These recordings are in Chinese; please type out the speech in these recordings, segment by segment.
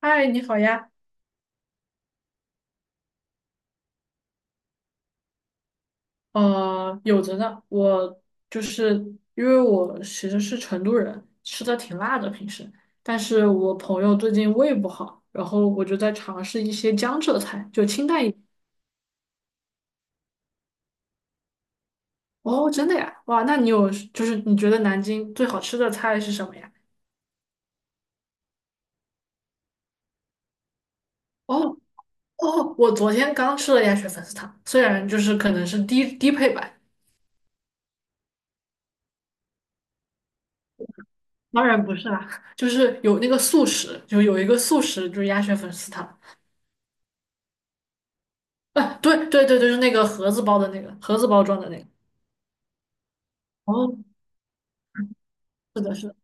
嗨，你好呀。有着呢。我就是因为我其实是成都人，吃的挺辣的平时，但是我朋友最近胃不好，然后我就在尝试一些江浙菜，就清淡一点。哦，真的呀？哇，那你有就是你觉得南京最好吃的菜是什么呀？哦哦，我昨天刚吃了鸭血粉丝汤，虽然就是可能是低配版，当然不是啦，就是有那个速食，就是鸭血粉丝汤。啊，对对对对，就是那个盒子包的那个盒子包装的那个。哦，是的，是的。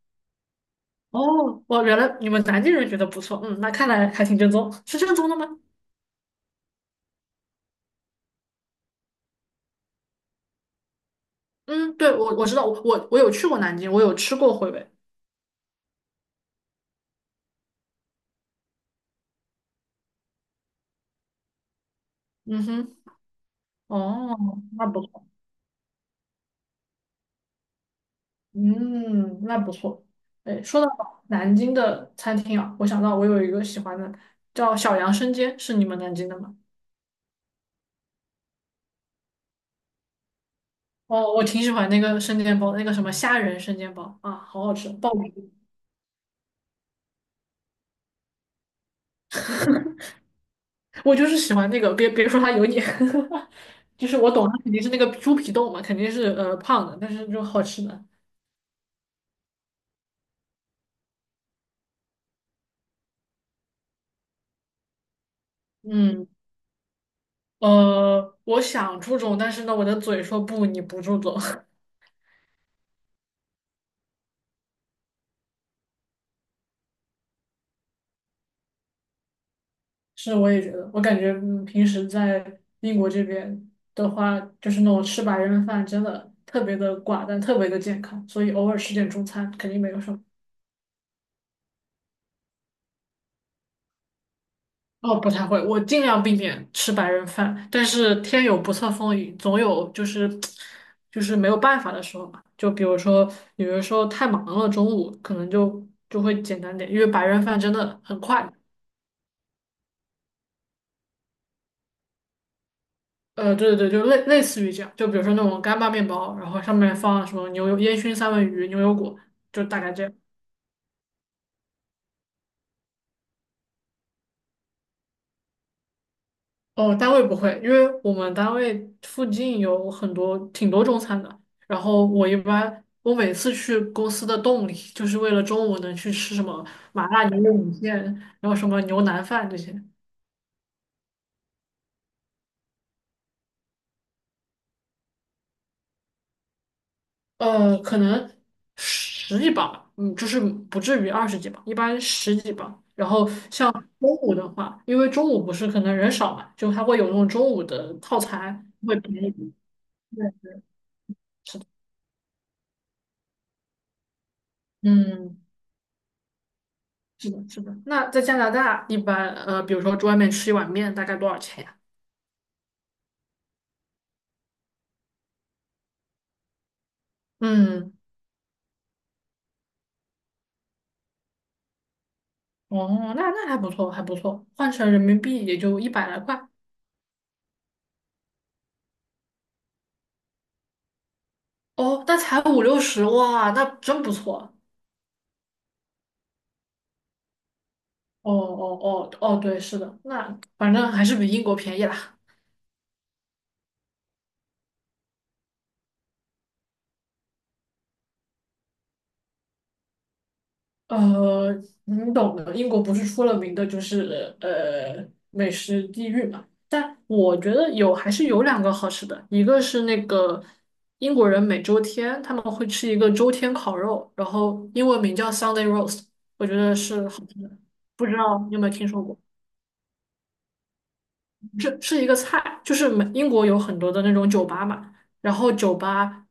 哦，哇，原来你们南京人觉得不错，嗯，那看来还挺正宗，是正宗的吗？嗯，对，我知道，我有去过南京，我有吃过回味。嗯哼，哦，那不错，嗯，那不错。哎，说到南京的餐厅啊，我想到我有一个喜欢的，叫小杨生煎，是你们南京的吗？哦，我挺喜欢那个生煎包，那个什么虾仁生煎包啊，好好吃，爆米我就是喜欢那个，别说它油腻，就是我懂，它肯定是那个猪皮冻嘛，肯定是胖的，但是就好吃的。嗯，我想注重，但是呢，我的嘴说不，你不注重。是，我也觉得，我感觉平时在英国这边的话，就是那种吃白人饭真的特别的寡淡，特别的健康，所以偶尔吃点中餐肯定没有什么。哦，不太会，我尽量避免吃白人饭，但是天有不测风云，总有就是就是没有办法的时候嘛。就比如说，有的时候太忙了，中午可能就就会简单点，因为白人饭真的很快。对对对，就类似于这样，就比如说那种干巴面包，然后上面放什么牛油烟熏三文鱼、牛油果，就大概这样。哦，单位不会，因为我们单位附近有很多挺多中餐的。然后我一般，我每次去公司的动力就是为了中午能去吃什么麻辣牛肉米线，然后什么牛腩饭这些。可能十几磅吧，嗯，就是不至于二十几磅，一般十几磅。然后像中午的话，因为中午不是可能人少嘛，就它会有那种中午的套餐，会便宜一点。对，嗯。是的，是的。那在加拿大，一般比如说外面吃一碗面，大概多少钱呀？嗯，哦，那那还不错，还不错，换成人民币也就一百来块。哦，那才五六十，哇，那真不错。哦哦哦哦，对，是的，那反正还是比英国便宜啦。呃，你懂的，英国不是出了名的就是美食地狱嘛？但我觉得还是有两个好吃的，一个是那个英国人每周天他们会吃一个周天烤肉，然后英文名叫 Sunday roast，我觉得是好吃的，不知道你有没有听说过？这是一个菜，就是英国有很多的那种酒吧嘛，然后酒吧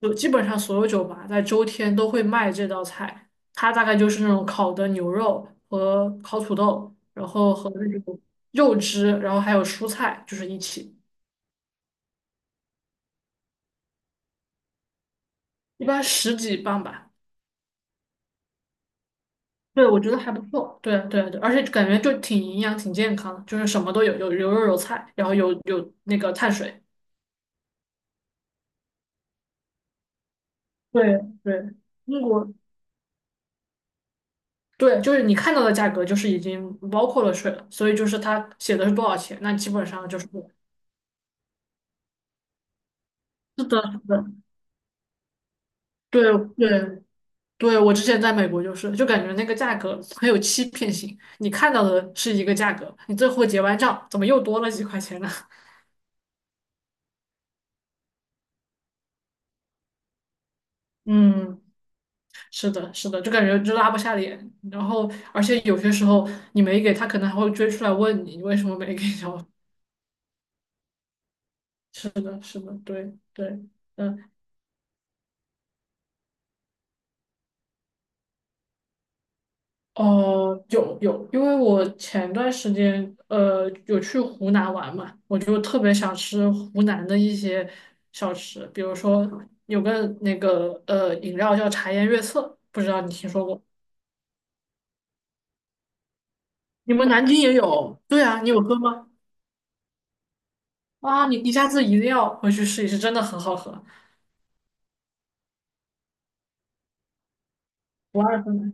有基本上所有酒吧在周天都会卖这道菜，它大概就是那种烤的牛肉和烤土豆，然后和那种肉汁，然后还有蔬菜，就是一起，一般十几磅吧。对，我觉得还不错。对对对啊，而且感觉就挺营养、挺健康的，就是什么都有，有牛肉有菜，然后有那个碳水。对对，英国。对，就是你看到的价格就是已经包括了税了，所以就是它写的是多少钱，那基本上就是是的，是的，对对对，我之前在美国就是，就感觉那个价格很有欺骗性，你看到的是一个价格，你最后结完账怎么又多了几块钱呢？嗯，是的，是的，就感觉就拉不下脸，然后而且有些时候你没给他，可能还会追出来问你为什么没给，交？是的，是的，对对。嗯。哦，有有，因为我前段时间有去湖南玩嘛，我就特别想吃湖南的一些小吃，比如说有个那个饮料叫茶颜悦色，不知道你听说过？你们南京也有？对啊，你有喝吗？啊，你下次一定要回去试一试，真的很好喝，不二分奶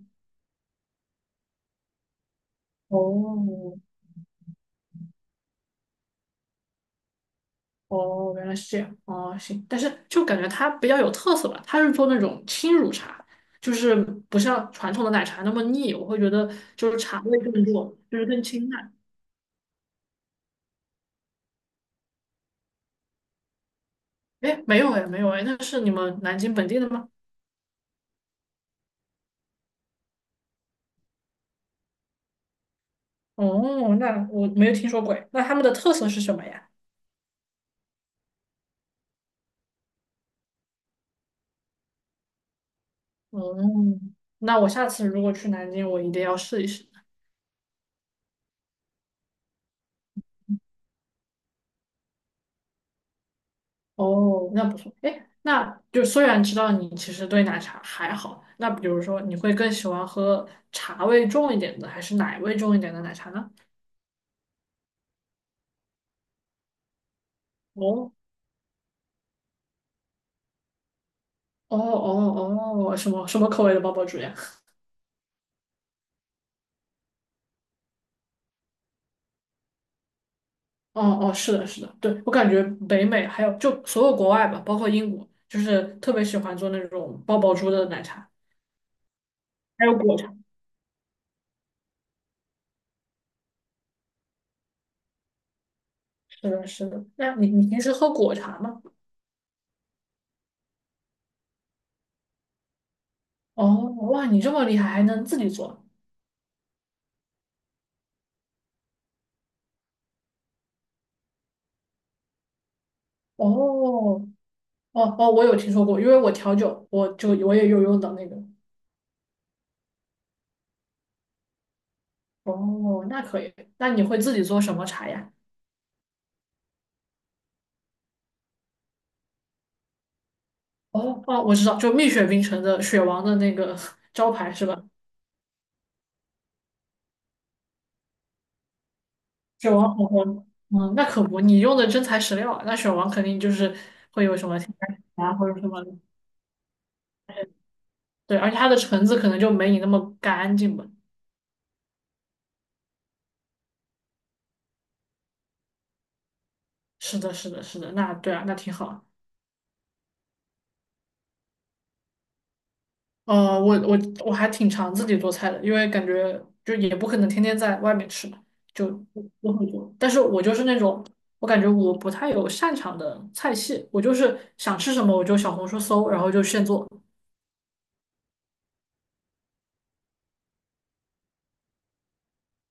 哦，哦，原来是这样。哦，行，但是就感觉它比较有特色吧，它是做那种轻乳茶，就是不像传统的奶茶那么腻，我会觉得就是茶味更重，就是更清淡。哎，没有哎，没有哎，那是你们南京本地的吗？哦，那我没有听说过哎。那他们的特色是什么呀？哦，那我下次如果去南京，我一定要试一试。哦，那不错。哎，那就虽然知道你其实对奶茶还好，那比如说你会更喜欢喝茶味重一点的，还是奶味重一点的奶茶呢？哦哦哦哦，什么什么口味的包包珠呀？哦哦，是的，是的，对，我感觉北美还有就所有国外吧，包括英国，就是特别喜欢做那种爆爆珠的奶茶，还有果茶。是的，是的。那你平时喝果茶吗？哦，哇，你这么厉害，还能自己做？哦，哦哦，我有听说过，因为我调酒，我也有用到那个。哦，那可以。那你会自己做什么茶呀？哦哦，我知道，就蜜雪冰城的雪王的那个 招牌是吧？雪王红红，嗯，那可不，你用的真材实料啊。那雪王肯定会有什么添加啊，或者什么的对，而且它的橙子可能就没你那么干净吧。是的，是的，是的，那对啊，那挺好。呃，我我我还挺常自己做菜的，因为感觉就也不可能天天在外面吃嘛就我会做。但是我就是那种，我感觉我不太有擅长的菜系，我就是想吃什么我就小红书搜，然后就现做。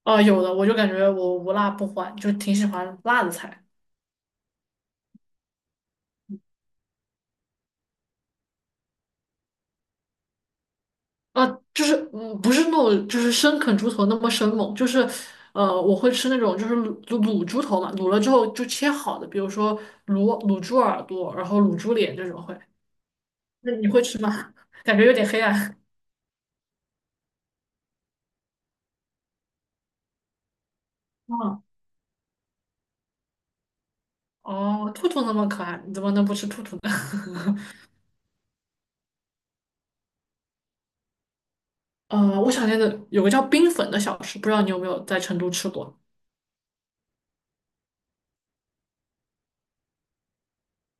啊、有的我就感觉我无辣不欢，就挺喜欢辣的菜。啊、就是嗯，不是那种就是生啃猪头那么生猛，就是我会吃那种就是卤猪头嘛，卤了之后就切好的，比如说卤猪耳朵，然后卤猪脸这种会。那你会吃吗？感觉有点黑暗。嗯，哦，兔兔那么可爱，你怎么能不吃兔兔呢？我想念的有个叫冰粉的小吃，不知道你有没有在成都吃过？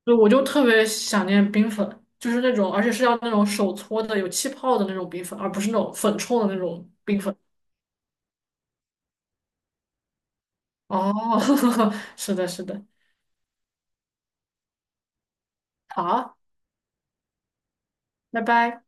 对，我就特别想念冰粉，就是那种，而且是要那种手搓的、有气泡的那种冰粉，而不是那种粉冲的那种冰粉。哦，是的，是的，好，拜拜。